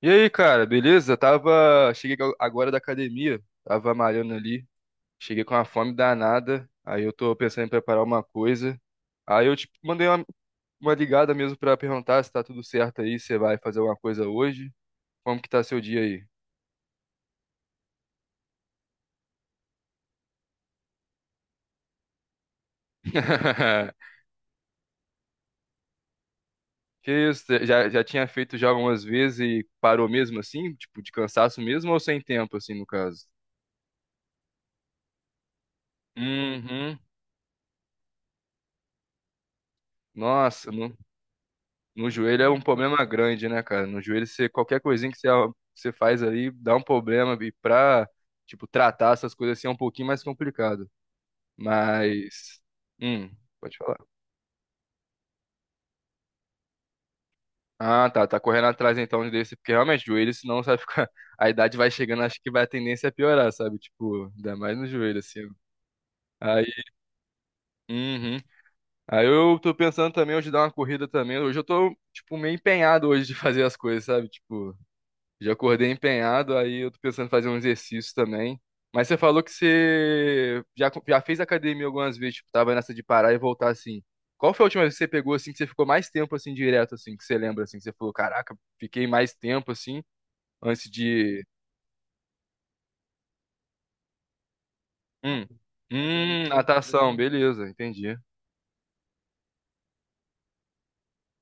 E aí, cara, beleza? Tava. Cheguei agora da academia, tava malhando ali. Cheguei com uma fome danada. Aí eu tô pensando em preparar uma coisa. Aí eu, tipo, mandei uma ligada mesmo pra perguntar se tá tudo certo aí, se você vai fazer alguma coisa hoje. Como que tá seu dia aí? Que isso? Você Já tinha feito já algumas vezes e parou mesmo assim? Tipo, de cansaço mesmo ou sem tempo, assim, no caso? Uhum. Nossa, não. No joelho é um problema grande, né, cara? No joelho, qualquer coisinha que você faz ali dá um problema. E tipo, tratar essas coisas assim é um pouquinho mais complicado. Mas. Hum, pode falar. Ah, tá. Tá correndo atrás então desse. Porque realmente, joelho, senão você vai ficar. A idade vai chegando, acho que vai a tendência a piorar, sabe? Tipo, ainda mais no joelho, assim. Aí. Uhum. Aí eu tô pensando também hoje dar uma corrida também. Hoje eu tô, tipo, meio empenhado hoje de fazer as coisas, sabe? Tipo. Já acordei empenhado, aí eu tô pensando em fazer um exercício também. Mas você falou que você já fez academia algumas vezes, tipo, tava nessa de parar e voltar assim. Qual foi a última vez que você pegou assim, que você ficou mais tempo assim, direto, assim, que você lembra, assim, que você falou, caraca, fiquei mais tempo assim, antes de. Hum, natação, beleza, entendi.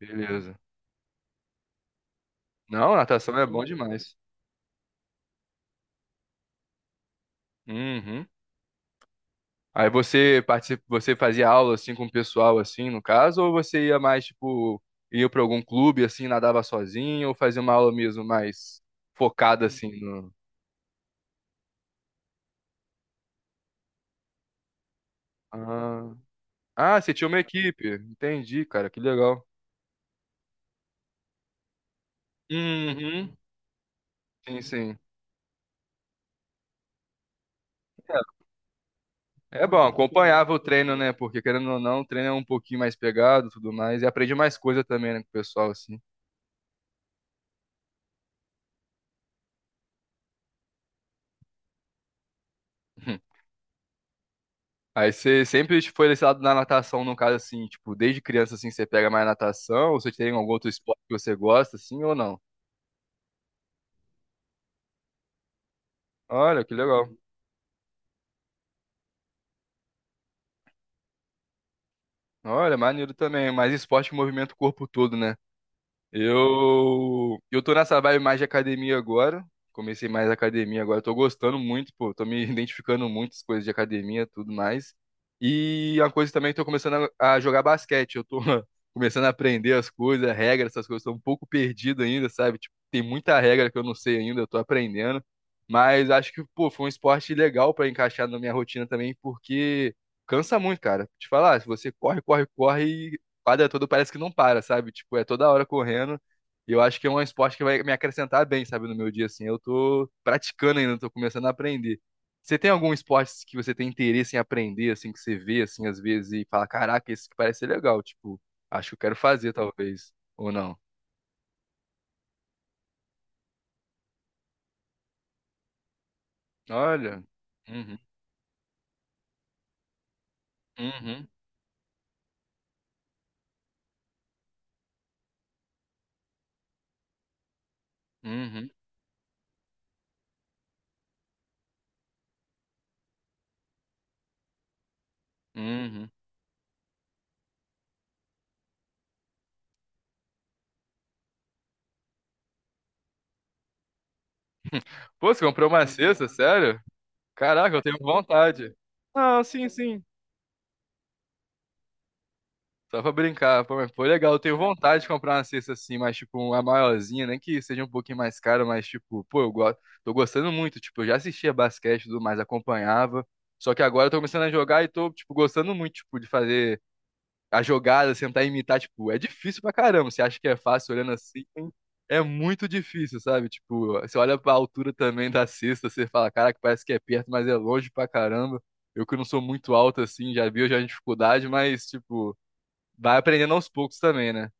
Beleza. Não, natação é bom demais. Uhum. Aí você participa, você fazia aula assim com o pessoal assim, no caso, ou você ia mais tipo ia para algum clube assim, nadava sozinho, ou fazia uma aula mesmo mais focada assim no Ah, você tinha uma equipe. Entendi, cara, que legal. Uhum. Sim, sim. É, é bom, acompanhava o treino, né? Porque querendo ou não, o treino é um pouquinho mais pegado, e tudo mais, e aprendi mais coisa também, né, com o pessoal assim. Aí você sempre tipo, foi desse lado da natação, no caso, assim, tipo, desde criança, assim, você pega mais natação, ou você tem algum outro esporte que você gosta, assim, ou não? Olha, que legal. Olha, maneiro também, mas esporte que movimenta o corpo todo, né? Eu tô nessa vibe mais de academia agora. Comecei mais academia agora. Tô gostando muito, pô. Tô me identificando muito com as coisas de academia, tudo mais. E uma coisa também, que tô começando a jogar basquete. Eu tô começando a aprender as coisas, regras, essas coisas. Tô um pouco perdido ainda, sabe? Tipo, tem muita regra que eu não sei ainda, eu tô aprendendo. Mas acho que, pô, foi um esporte legal pra encaixar na minha rotina também, porque cansa muito, cara. Te falar, se você corre quadra toda parece que não para, sabe? Tipo, é toda hora correndo. E eu acho que é um esporte que vai me acrescentar bem, sabe, no meu dia, assim. Eu tô praticando ainda, tô começando a aprender. Você tem algum esporte que você tem interesse em aprender, assim, que você vê, assim, às vezes e fala, caraca, esse que parece ser legal, tipo, acho que eu quero fazer, talvez, ou não? Olha. Uhum, uhum, uhum, uhum. Pô, você comprou uma cesta, sério? Caraca, eu tenho vontade. Ah, sim, sim. Só pra brincar, pô, mas foi legal. Eu tenho vontade de comprar uma cesta assim, mas tipo, uma maiorzinha, nem que seja um pouquinho mais cara, mas tipo, pô, eu gosto, tô gostando muito. Tipo, eu já assistia basquete e tudo mais, acompanhava. Só que agora eu tô começando a jogar e tô, tipo, gostando muito, tipo, de fazer a jogada, sentar e imitar. Tipo, é difícil pra caramba. Você acha que é fácil olhando assim? É muito difícil, sabe? Tipo, você olha pra altura também da cesta, você fala, caraca, parece que é perto, mas é longe pra caramba. Eu que não sou muito alto assim, já vi, eu já tenho dificuldade, mas, tipo. Vai aprendendo aos poucos também, né?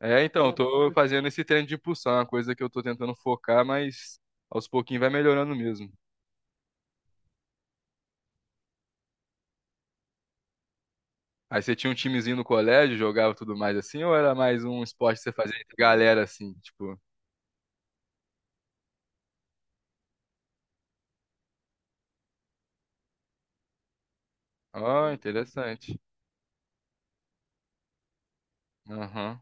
É, então, eu tô fazendo esse treino de impulsão, é uma coisa que eu tô tentando focar, mas aos pouquinhos vai melhorando mesmo. Aí você tinha um timezinho no colégio, jogava tudo mais assim, ou era mais um esporte que você fazia entre galera assim, tipo, ó, interessante. Aham.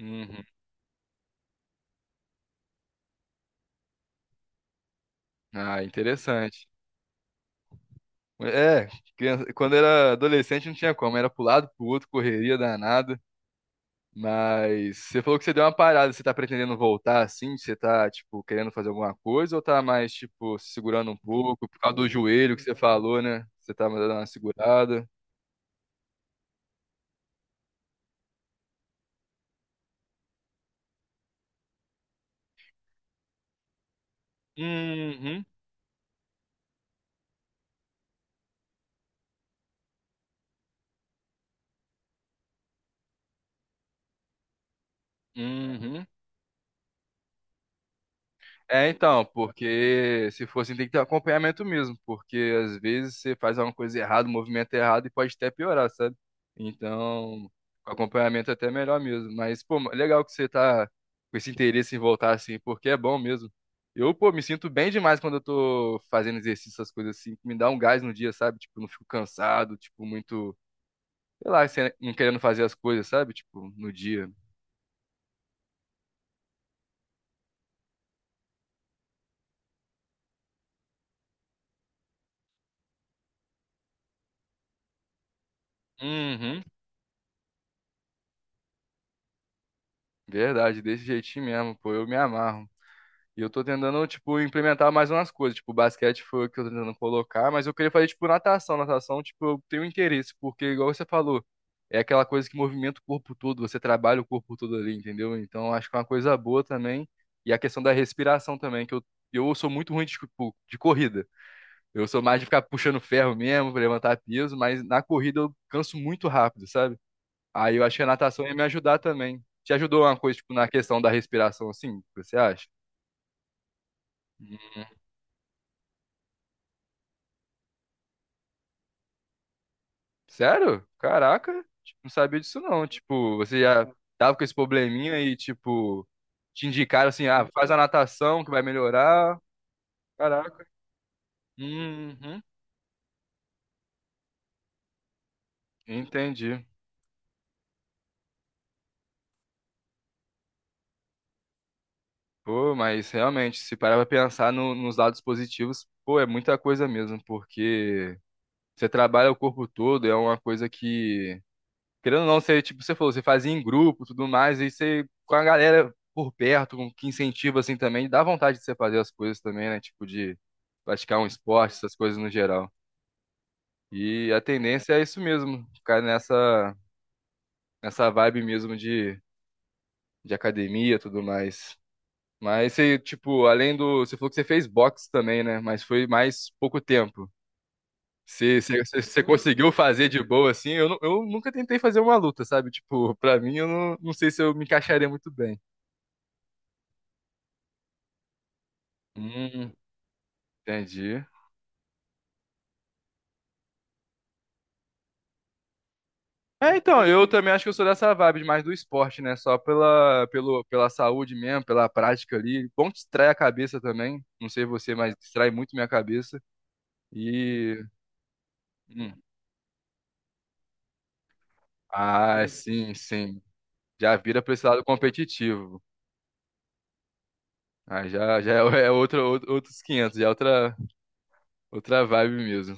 Uhum. Ah, interessante. É, quando era adolescente não tinha como, era pro lado, pro outro, correria danada. Mas você falou que você deu uma parada, você tá pretendendo voltar assim? Você tá, tipo, querendo fazer alguma coisa ou tá mais, tipo, se segurando um pouco por causa do joelho que você falou, né? Você tá dando uma segurada. Uhum, uhum. É, então, porque se for assim, tem que ter acompanhamento mesmo, porque às vezes você faz alguma coisa errada, um movimento errado e pode até piorar, sabe? Então, com acompanhamento é até melhor mesmo. Mas, pô, legal que você tá com esse interesse em voltar assim, porque é bom mesmo. Eu, pô, me sinto bem demais quando eu tô fazendo exercício, essas coisas assim, que me dá um gás no dia, sabe? Tipo, não fico cansado, tipo, muito, sei lá, não querendo fazer as coisas, sabe? Tipo, no dia. Uhum, verdade, desse jeitinho mesmo, pô, eu me amarro. E eu tô tentando, tipo, implementar mais umas coisas. Tipo, basquete foi o que eu tô tentando colocar, mas eu queria fazer, tipo, natação. Natação, tipo, eu tenho interesse, porque, igual você falou, é aquela coisa que movimenta o corpo todo, você trabalha o corpo todo ali, entendeu? Então, eu acho que é uma coisa boa também. E a questão da respiração também, que eu sou muito ruim de, tipo, de corrida. Eu sou mais de ficar puxando ferro mesmo, pra levantar peso, mas na corrida eu canso muito rápido, sabe? Aí eu acho que a natação ia me ajudar também. Te ajudou uma coisa, tipo, na questão da respiração, assim, você acha? Sério? Caraca, tipo, não sabia disso não. Tipo, você já tava com esse probleminha e, tipo, te indicaram assim, ah, faz a natação que vai melhorar. Caraca. Uhum, entendi. Pô, mas realmente, se parar pra pensar nos lados positivos, pô, é muita coisa mesmo, porque você trabalha o corpo todo, é uma coisa que Querendo ou não, você, tipo, você falou, você fazia em grupo, tudo mais, e você, com a galera por perto, com que incentiva, assim, também, dá vontade de você fazer as coisas também, né? Tipo, de praticar um esporte, essas coisas no geral. E a tendência é isso mesmo, ficar nessa vibe mesmo de academia, tudo mais. Mas você, tipo, além do... Você falou que você fez boxe também, né? Mas foi mais pouco tempo. Você conseguiu fazer de boa, assim? Eu, eu nunca tentei fazer uma luta, sabe? Tipo, pra mim, eu não sei se eu me encaixaria muito bem. Hum, entendi. É, então, eu também acho que eu sou dessa vibe mais do esporte, né? Só pela saúde mesmo, pela prática ali. Bom, que distrai a cabeça também. Não sei você, mas distrai muito minha cabeça. E. hum, Ah, sim, sim. Já vira pra esse lado competitivo. Ah, já é outro, outros 500 já é outra, outra vibe mesmo.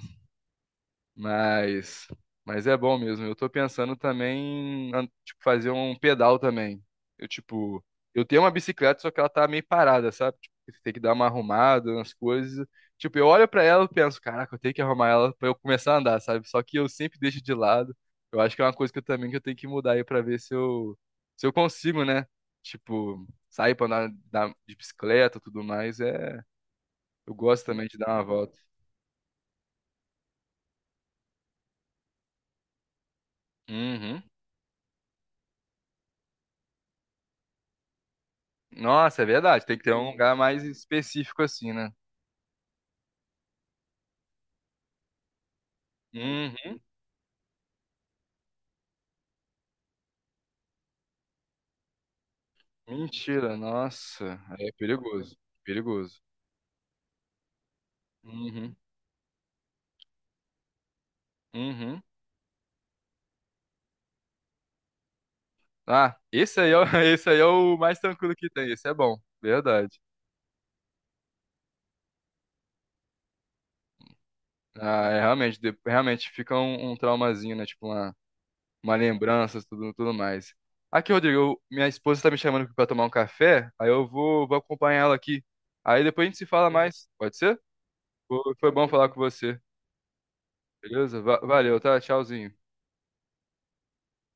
Mas, mas é bom mesmo. Eu tô pensando também em, tipo, fazer um pedal também. Eu, tipo, eu tenho uma bicicleta, só que ela tá meio parada, sabe? Tipo, você tem que dar uma arrumada nas coisas. Tipo, eu olho pra ela e penso, caraca, eu tenho que arrumar ela pra eu começar a andar, sabe? Só que eu sempre deixo de lado. Eu acho que é uma coisa que eu também que eu tenho que mudar aí pra ver se se eu consigo, né? Tipo, sair pra andar, andar de bicicleta e tudo mais. É, eu gosto também de dar uma volta. Uhum. Nossa, é verdade. Tem que ter um lugar mais específico assim, né? Uhum. Mentira, nossa. Aí é perigoso. Perigoso. Uhum. Uhum. Ah, esse aí é, esse aí é o mais tranquilo que tem. Esse é bom. Verdade. Ah, é, realmente, realmente fica um traumazinho, né? Tipo uma lembrança, tudo mais. Aqui, Rodrigo, minha esposa tá me chamando aqui pra tomar um café. Aí eu vou acompanhar ela aqui. Aí depois a gente se fala mais. Pode ser? Foi bom falar com você. Beleza? Valeu, tá? Tchauzinho.